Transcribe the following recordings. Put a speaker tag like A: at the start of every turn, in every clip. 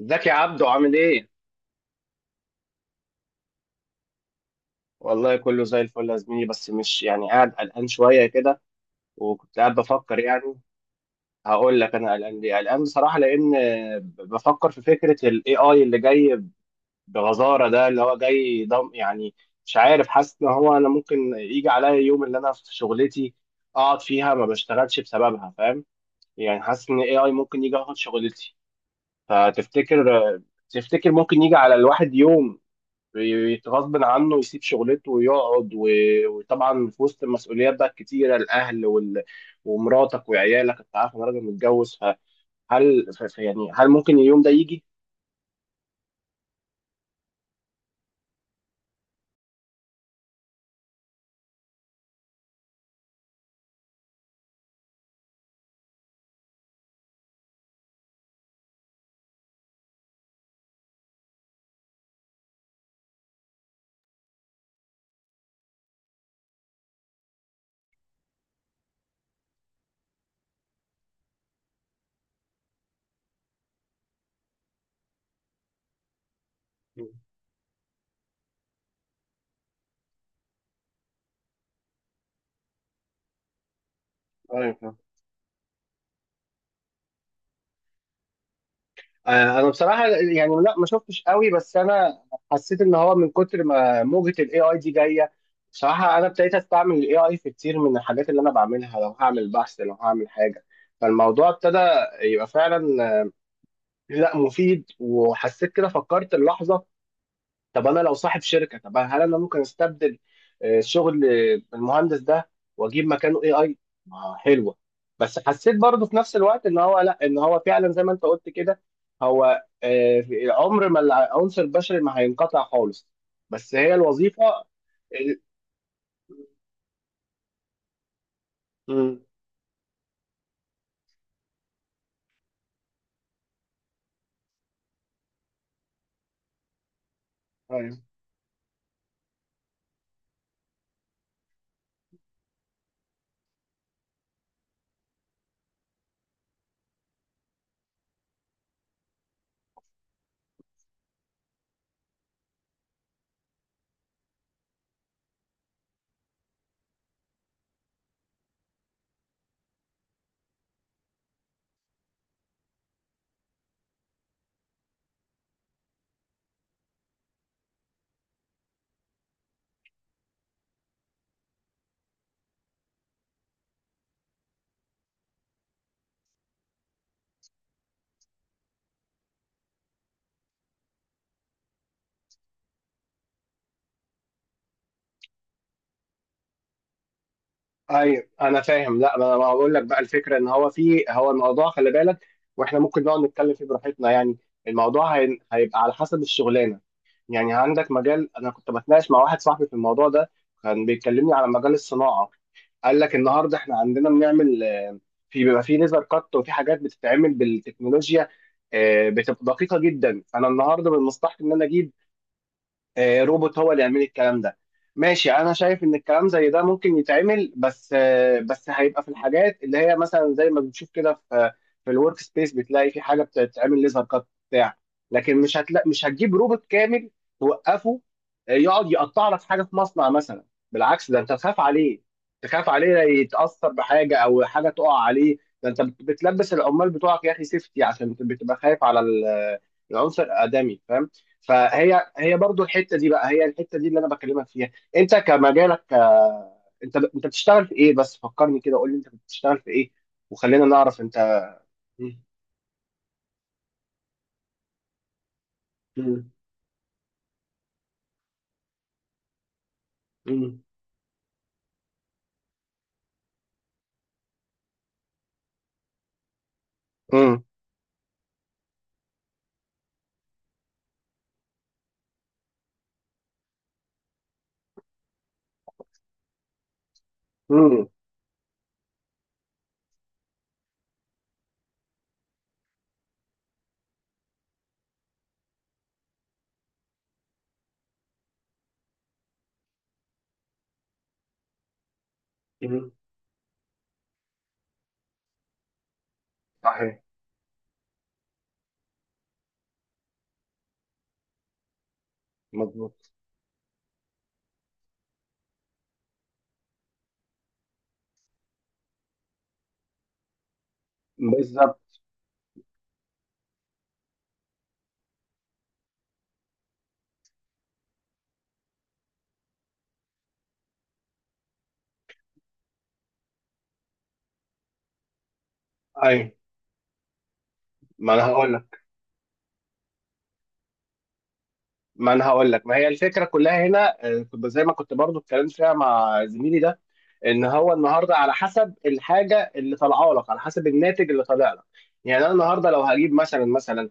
A: ازيك يا عبدو، عامل ايه؟ والله كله زي الفل يا زميلي، بس مش يعني قاعد قلقان شوية كده، وكنت قاعد بفكر يعني. هقول لك انا قلقان ليه؟ قلقان بصراحة لأن بفكر في فكرة ال AI اللي جاي بغزارة، ده اللي هو جاي ضم يعني. مش عارف، حاسس ان هو انا ممكن يجي عليا يوم اللي انا في شغلتي اقعد فيها ما بشتغلش بسببها، فاهم؟ يعني حاسس ان AI ممكن يجي ياخد شغلتي. فتفتكر ممكن يجي على الواحد يوم غصب عنه يسيب شغلته ويقعد وطبعا في وسط المسؤوليات بقى الكتيره، الاهل ومراتك وعيالك، انت عارف انا راجل متجوز، فهل يعني هل ممكن اليوم ده يجي؟ أيوة، فاهم. آه، انا بصراحه يعني لا، ما شفتش قوي، بس انا حسيت ان هو من كتر ما موجه الاي اي دي جايه. بصراحه انا ابتديت استعمل الاي اي في كتير من الحاجات اللي انا بعملها، لو هعمل بحث لو هعمل حاجه. فالموضوع ابتدى يبقى فعلا لا مفيد، وحسيت كده فكرت اللحظه، طب انا لو صاحب شركه طب هل انا ممكن استبدل شغل المهندس ده واجيب مكانه اي اي؟ ما حلوه. بس حسيت برضه في نفس الوقت ان هو لا، ان هو فعلا زي ما انت قلت كده، هو عمر ما العنصر البشري ما هينقطع خالص، بس هي الوظيفه ال- مم. ايوه انا فاهم، لا، ما انا بقول لك بقى الفكره ان هو في، هو الموضوع خلي بالك، واحنا ممكن نقعد نتكلم فيه براحتنا يعني. الموضوع هيبقى على حسب الشغلانه. يعني عندك مجال، انا كنت بتناقش مع واحد صاحبي في الموضوع ده، كان بيكلمني على مجال الصناعه. قال لك النهارده احنا عندنا بنعمل في بيبقى في ليزر كات، وفي حاجات بتتعمل بالتكنولوجيا بتبقى دقيقه جدا. فانا النهارده من مصلحتي ان انا اجيب روبوت هو اللي يعمل الكلام ده. ماشي انا شايف ان الكلام زي ده ممكن يتعمل، بس هيبقى في الحاجات اللي هي مثلا زي ما بنشوف كده في الورك سبيس، بتلاقي في حاجه بتتعمل ليزر كات بتاع. لكن مش هتجيب روبوت كامل توقفه يقعد يقطع لك حاجه في مصنع مثلا. بالعكس، ده انت تخاف عليه، تخاف عليه يتاثر بحاجه او حاجه تقع عليه. ده انت بتلبس العمال بتوعك يا اخي سيفتي، عشان بتبقى خايف على العنصر الادمي، فاهم؟ فهي برضو الحته دي بقى، هي الحته دي اللي انا بكلمك فيها. انت كمجالك انت بتشتغل في ايه بس فكرني كده، قول لي انت بتشتغل في ايه، وخلينا نعرف انت. مم. مم. مم. مم. مم. مم. صحيح. مظبوط. بالظبط. اي. ما انا هقول لك ما انا هقول لك ما هي الفكره كلها هنا كنت زي ما كنت برضو اتكلمت فيها مع زميلي ده، ان هو النهارده على حسب الحاجه اللي طالعه لك، على حسب الناتج اللي طالع لك. يعني انا النهارده لو هجيب مثلا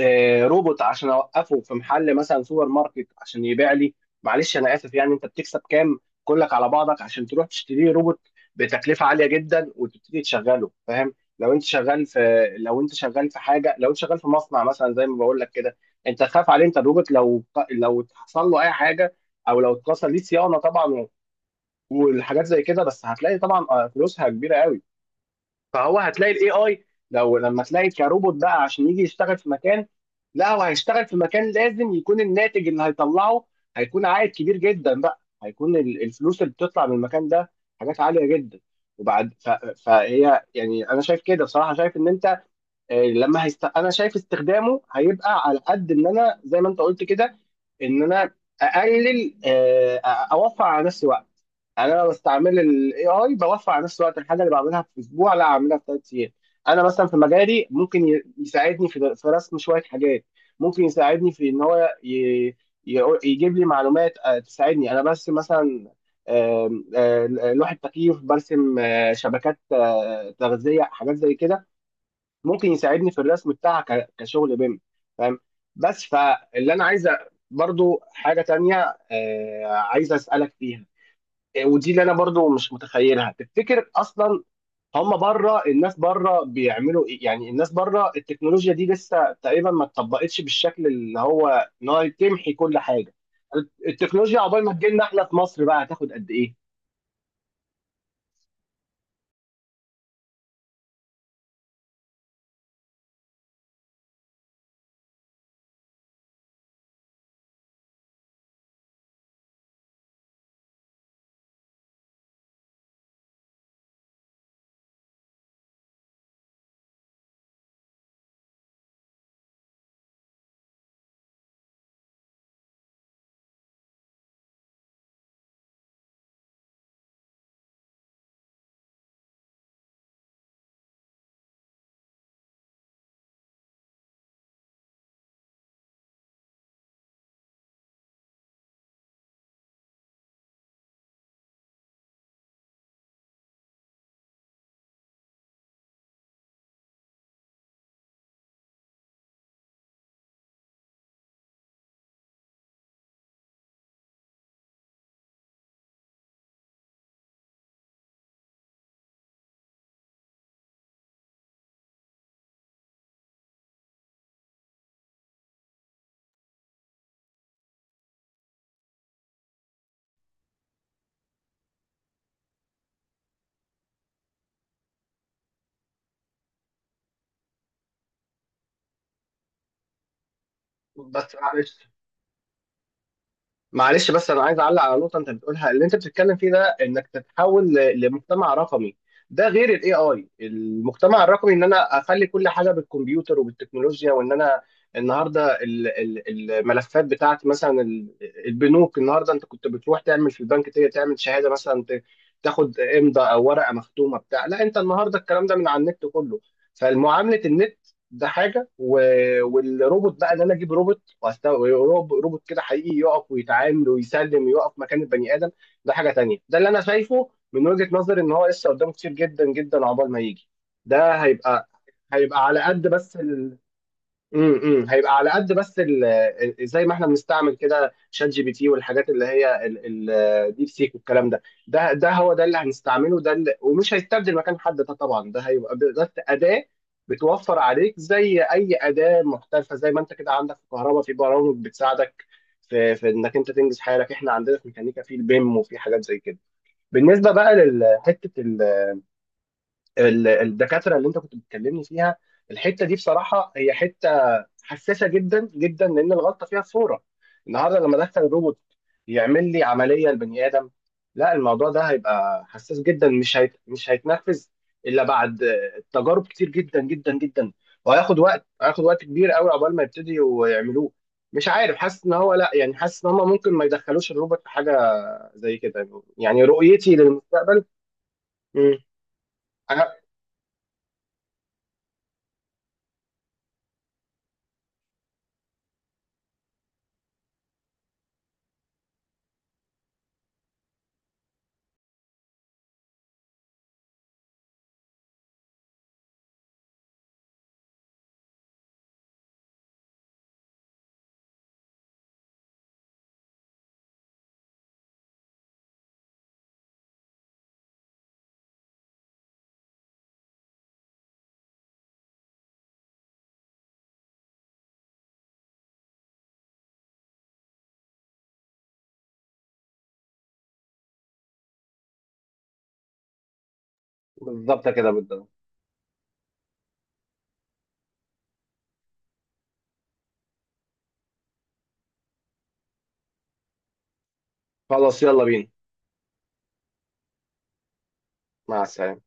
A: روبوت عشان اوقفه في محل مثلا سوبر ماركت عشان يبيع لي، معلش انا اسف، يعني انت بتكسب كام كلك على بعضك عشان تروح تشتري روبوت بتكلفه عاليه جدا وتبتدي تشغله؟ فاهم. لو انت شغال في حاجه، لو انت شغال في مصنع مثلا زي ما بقول لك كده، انت تخاف عليه. انت الروبوت لو حصل له اي حاجه، او لو اتكسر، ليه صيانه طبعا والحاجات زي كده، بس هتلاقي طبعا فلوسها كبيره قوي. فهو هتلاقي الاي اي لما تلاقي كروبوت بقى عشان يجي يشتغل في مكان، لا، هو هيشتغل في مكان لازم يكون الناتج اللي هيطلعه هيكون عائد كبير جدا، بقى هيكون الفلوس اللي بتطلع من المكان ده حاجات عالية جدا. وبعد فهي يعني انا شايف كده بصراحة، شايف ان انت انا شايف استخدامه هيبقى على قد ان انا زي ما انت قلت كده، ان انا اقلل اوفر على نفسي وقت. يعني انا لما بستعمل الاي اي بوفر على نفسي وقت، الحاجه اللي بعملها في اسبوع لا اعملها في ثلاث ايام. انا مثلا في مجالي ممكن يساعدني في رسم شويه حاجات، ممكن يساعدني في ان هو يجيب لي معلومات تساعدني انا بس مثلا آم، آه، لوحة تكييف، برسم شبكات تغذية، حاجات زي كده، ممكن يساعدني في الرسم بتاعها كشغل بيم، فاهم؟ بس فاللي انا عايزه برضو حاجه تانية عايزه اسالك فيها ودي اللي انا برضو مش متخيلها، تفتكر اصلا هم بره، الناس بره بيعملوا ايه؟ يعني الناس بره التكنولوجيا دي لسه تقريبا ما اتطبقتش بالشكل اللي هو انها تمحي كل حاجه؟ التكنولوجيا عقبال ما تجيلنا احنا في مصر بقى هتاخد قد ايه؟ بس معلش، بس انا عايز اعلق على نقطه انت بتقولها، اللي انت بتتكلم فيه ده انك تتحول لمجتمع رقمي. ده غير الاي اي. المجتمع الرقمي ان انا اخلي كل حاجه بالكمبيوتر وبالتكنولوجيا، وان انا النهارده الملفات بتاعتي مثلا البنوك، النهارده انت كنت بتروح تعمل في البنك تعمل شهاده مثلا تاخد امضاء او ورقه مختومه بتاع، لا، انت النهارده الكلام ده من على النت كله، فالمعامله النت. ده حاجه والروبوت بقى، ان انا اجيب روبوت روبوت كده حقيقي يقف ويتعامل ويسلم ويقف مكان البني ادم، ده حاجه تانية. ده اللي انا شايفه من وجهه نظري ان هو لسه قدامه كتير جدا جدا عقبال ما يجي. ده هيبقى على قد بس. هيبقى على قد بس، زي ما احنا بنستعمل كده شات جي بي تي، والحاجات اللي هي ديب سيك والكلام ده، ده هو ده اللي هنستعمله، ده اللي ومش هيستبدل مكان حد، ده طبعا ده هيبقى بس اداه بتوفر عليك زي اي اداه محترفه، زي ما انت كده عندك في الكهرباء في برامج بتساعدك في انك انت تنجز حالك، احنا عندنا في ميكانيكا في البيم وفي حاجات زي كده. بالنسبه بقى لحته الدكاتره اللي انت كنت بتكلمني فيها، الحته دي بصراحه هي حته حساسه جدا جدا لان الغلطه فيها فوره. النهارده لما دخل الروبوت يعمل لي عمليه لبني ادم، لا، الموضوع ده هيبقى حساس جدا، مش هيتنفذ الا بعد تجارب كتير جدا جدا جدا. وهياخد وقت، هياخد وقت كبير قوي عقبال ما يبتدوا يعملوه. مش عارف، حاسس ان هو لا، يعني حاسس ان هم ممكن ما يدخلوش الروبوت في حاجه زي كده، يعني رؤيتي للمستقبل. مم. أنا- بالظبط كده، بالظبط. خلاص يلا بينا. مع السلامة.